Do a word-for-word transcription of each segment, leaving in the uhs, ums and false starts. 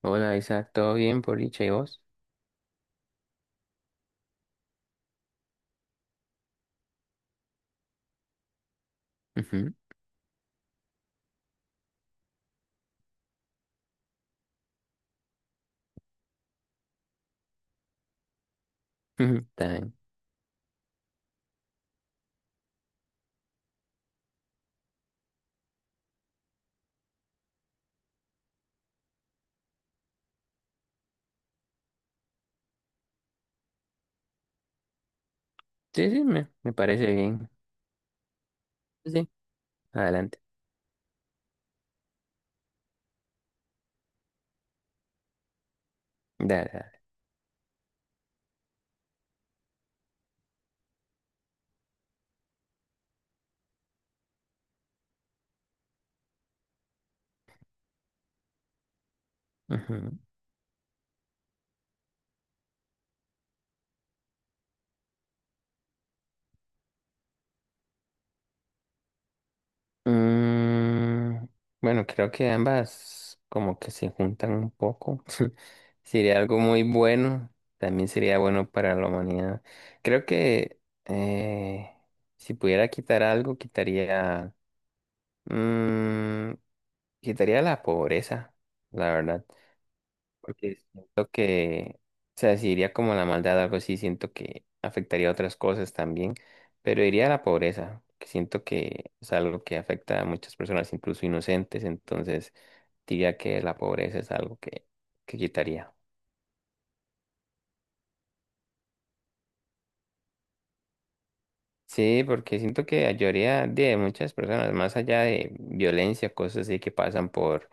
Hola Isa, ¿todo bien por dicha y vos? Ujú, ujú, está bien. Sí, sí, me, me parece bien. Sí, sí. Adelante. Dale, dale. Ujú. Mm, bueno, creo que ambas como que se juntan un poco. Sería algo muy bueno. También sería bueno para la humanidad. Creo que eh, si pudiera quitar algo, quitaría, mm, quitaría la pobreza, la verdad. Porque siento que, o sea, si iría como a la maldad o algo así, siento que afectaría a otras cosas también, pero iría a la pobreza, que siento que es algo que afecta a muchas personas, incluso inocentes, entonces diría que la pobreza es algo que, que quitaría. Sí, porque siento que ayudaría de muchas personas, más allá de violencia, cosas así que pasan por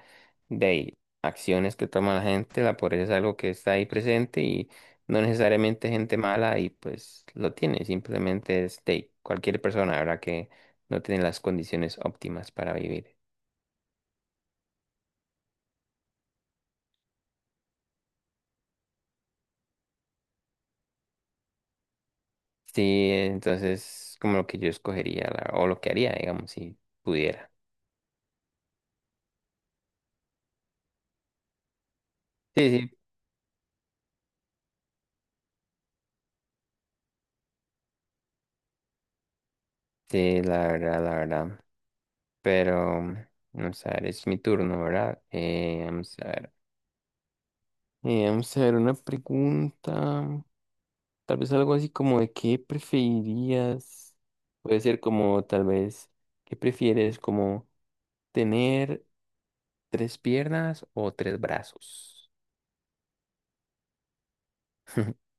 de ahí, acciones que toma la gente, la pobreza es algo que está ahí presente y no necesariamente gente mala y pues lo tiene, simplemente es de ahí, cualquier persona, ¿verdad? Que no tiene las condiciones óptimas para vivir. Sí, entonces como lo que yo escogería la- o lo que haría, digamos, si pudiera. Sí, sí, sí, la verdad, la verdad. Pero, mm, vamos a ver, es mi turno, ¿verdad? Eh, vamos a ver. Eh, vamos a ver una pregunta. Tal vez algo así como de qué preferirías. Puede ser como tal vez, ¿qué prefieres? Como tener tres piernas o tres brazos.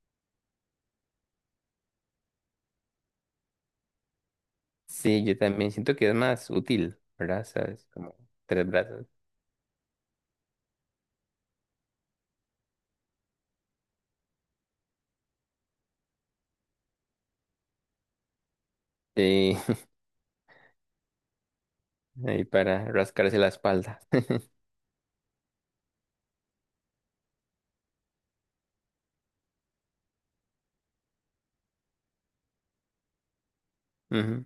Sí, yo también siento que es más útil, ¿verdad? ¿Sabes? Como tres brazos. Sí, ahí para rascarse la espalda. Ujú.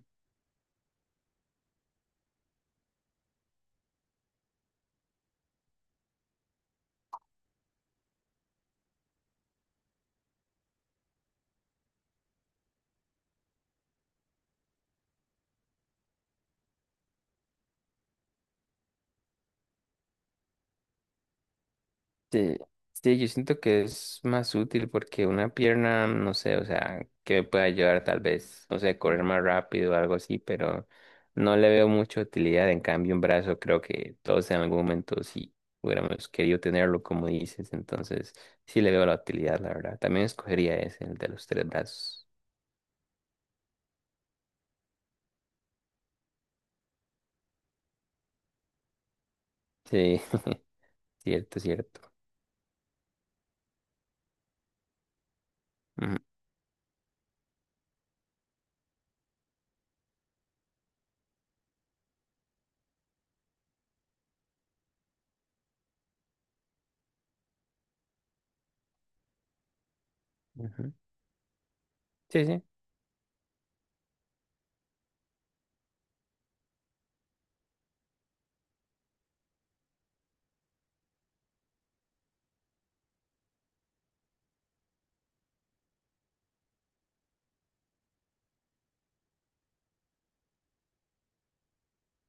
Sí, sí, yo siento que es más útil porque una pierna, no sé, o sea, que me pueda ayudar tal vez, no sé, correr más rápido o algo así, pero no le veo mucha utilidad. En cambio, un brazo creo que todos en algún momento sí hubiéramos querido tenerlo, como dices, entonces sí le veo la utilidad, la verdad. También escogería ese, el de los tres brazos. Sí, cierto, cierto. Ujú, ujú. Sí, sí.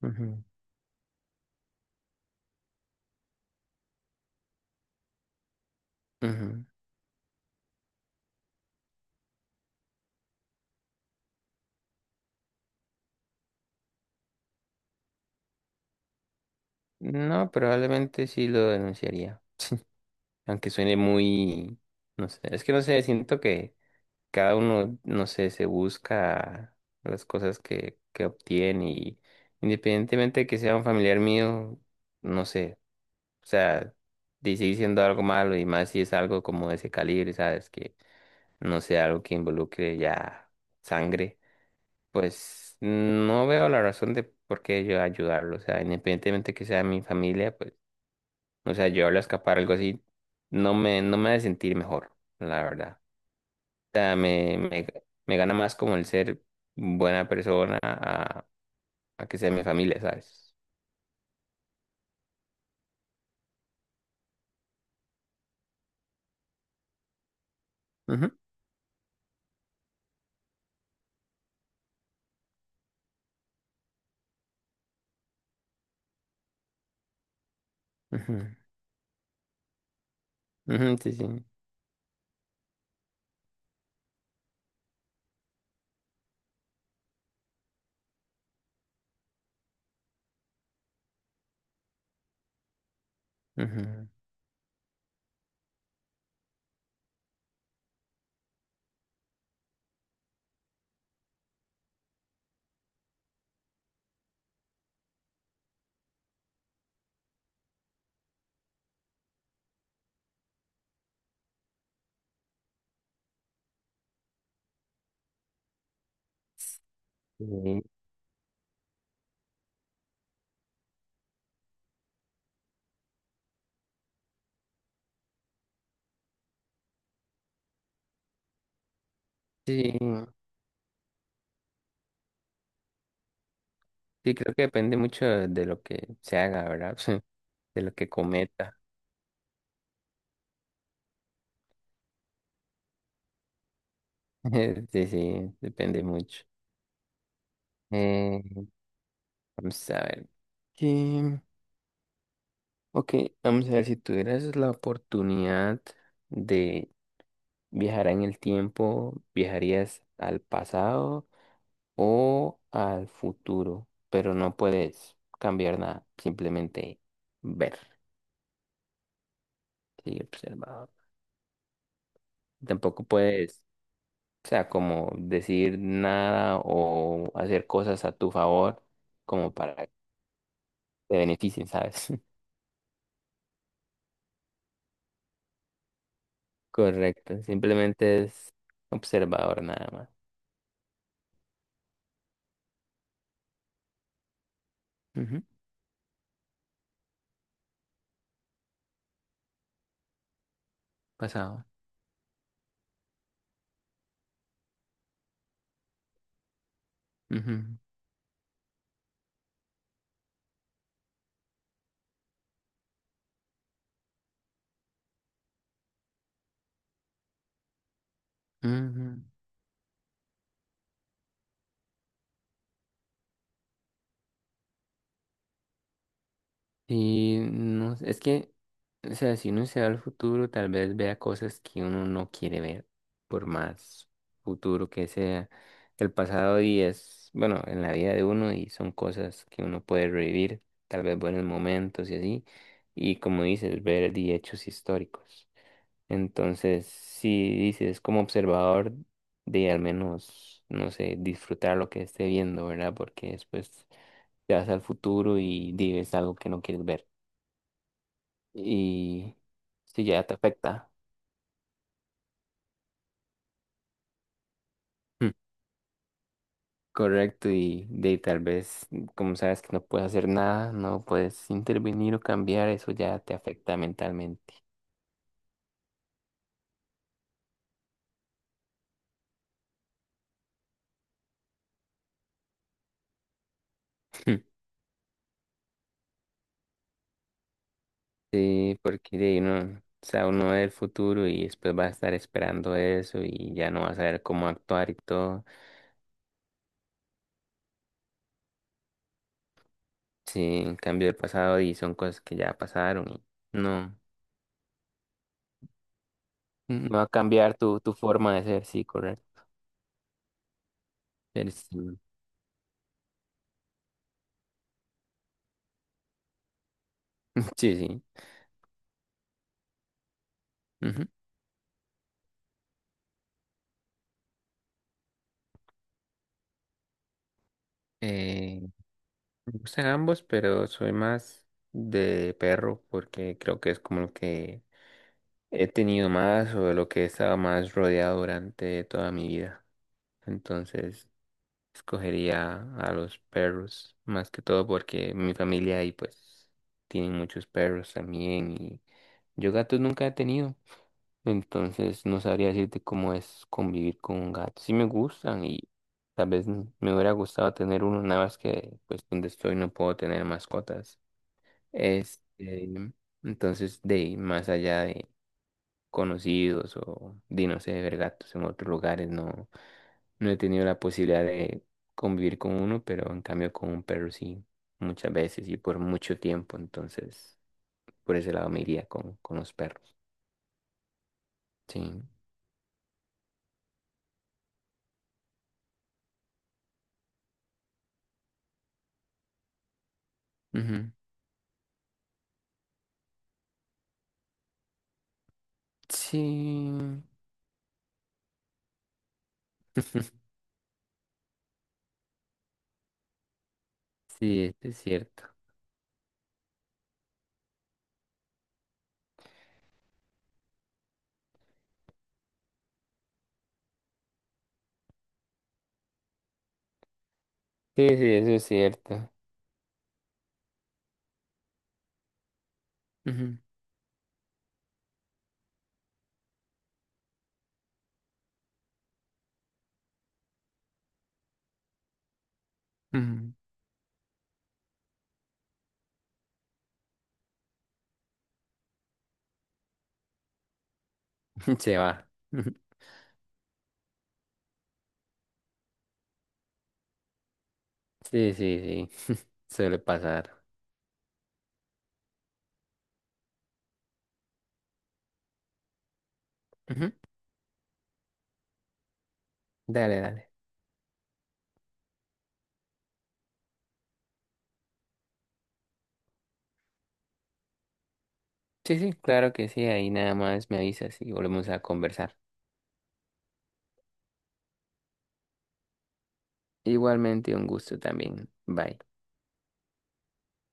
Ujú, ujú. No, probablemente sí lo denunciaría. Aunque suene muy, no sé, es que no sé, siento que cada uno, no sé, se busca las cosas que, que obtiene y independientemente de que sea un familiar mío, no sé, o sea, dice diciendo algo malo y más si es algo como de ese calibre, ¿sabes? Que no sea algo que involucre ya sangre, pues no veo la razón de por qué yo ayudarlo, o sea, independientemente que sea mi familia, pues o sea, yo al escapar, algo así, no me, no me hace sentir mejor, la verdad. O sea, me, me, me gana más como el ser buena persona a, a que sea mi familia, ¿sabes? Ujú, ujú, ujú, sí, sí. Ujú. Sí, sí, sí, creo que depende mucho de lo que se haga, ¿verdad? De lo que cometa. Sí, sí, depende mucho. Eh, vamos a ver. ¿Qué? Ok, vamos a ver si tuvieras la oportunidad de ¿Viajará en el tiempo? ¿Viajarías al pasado o al futuro? Pero no puedes cambiar nada, simplemente ver y observar. Tampoco puedes, o sea, como decir nada o hacer cosas a tu favor como para que te beneficien, ¿sabes? Correcto, simplemente es observador nada más. Ujú. Pasado. Ujú, ujú. Sí, no, es que, o sea, si uno se va al futuro, tal vez vea cosas que uno no quiere ver, por más futuro que sea. El pasado y es, bueno, en la vida de uno y son cosas que uno puede revivir, tal vez buenos momentos y así. Y como dices, ver di hechos históricos. Entonces, si dices como observador de al menos, no sé, disfrutar lo que esté viendo, ¿verdad? Porque después te vas al futuro y dices algo que no quieres ver y sí, ya te afecta. Mm, Correcto, y de ahí tal vez, como sabes que no puedes hacer nada, no puedes intervenir o cambiar, eso ya te afecta mentalmente. Mm. Sí, porque de ahí no, o sea, uno ve el futuro y después va a estar esperando eso y ya no va a saber cómo actuar y todo. Sí, en cambio el pasado y son cosas que ya pasaron y no, no va a cambiar tu, tu forma de ser, sí, correcto. Pero sí, sí, sí. Ujú. Eh, Me gustan ambos, pero soy más de perro porque creo que es como lo que he tenido más o de lo que he estado más rodeado durante toda mi vida. Entonces, escogería a los perros más que todo porque mi familia ahí pues tiene muchos perros también y yo gatos nunca he tenido. Entonces, no sabría decirte cómo es convivir con un gato. Sí me gustan y tal vez me hubiera gustado tener uno, nada más que pues donde estoy no puedo tener mascotas. Este, entonces, de ahí, más allá de conocidos o de, no sé, ver gatos en otros lugares, no, no he tenido la posibilidad de convivir con uno, pero en cambio con un perro sí, muchas veces y por mucho tiempo. Entonces, por ese lado me iría con, con, los perros. Sí. Ujú. Sí. Sí, eso es cierto. Sí, sí, eso es cierto. Ujú, ujú. Se va. Sí, sí, sí. Suele pasar. Ujú. Dale, dale. Sí, sí, claro que sí. Ahí nada más me avisas y volvemos a conversar. Igualmente, un gusto también. Bye.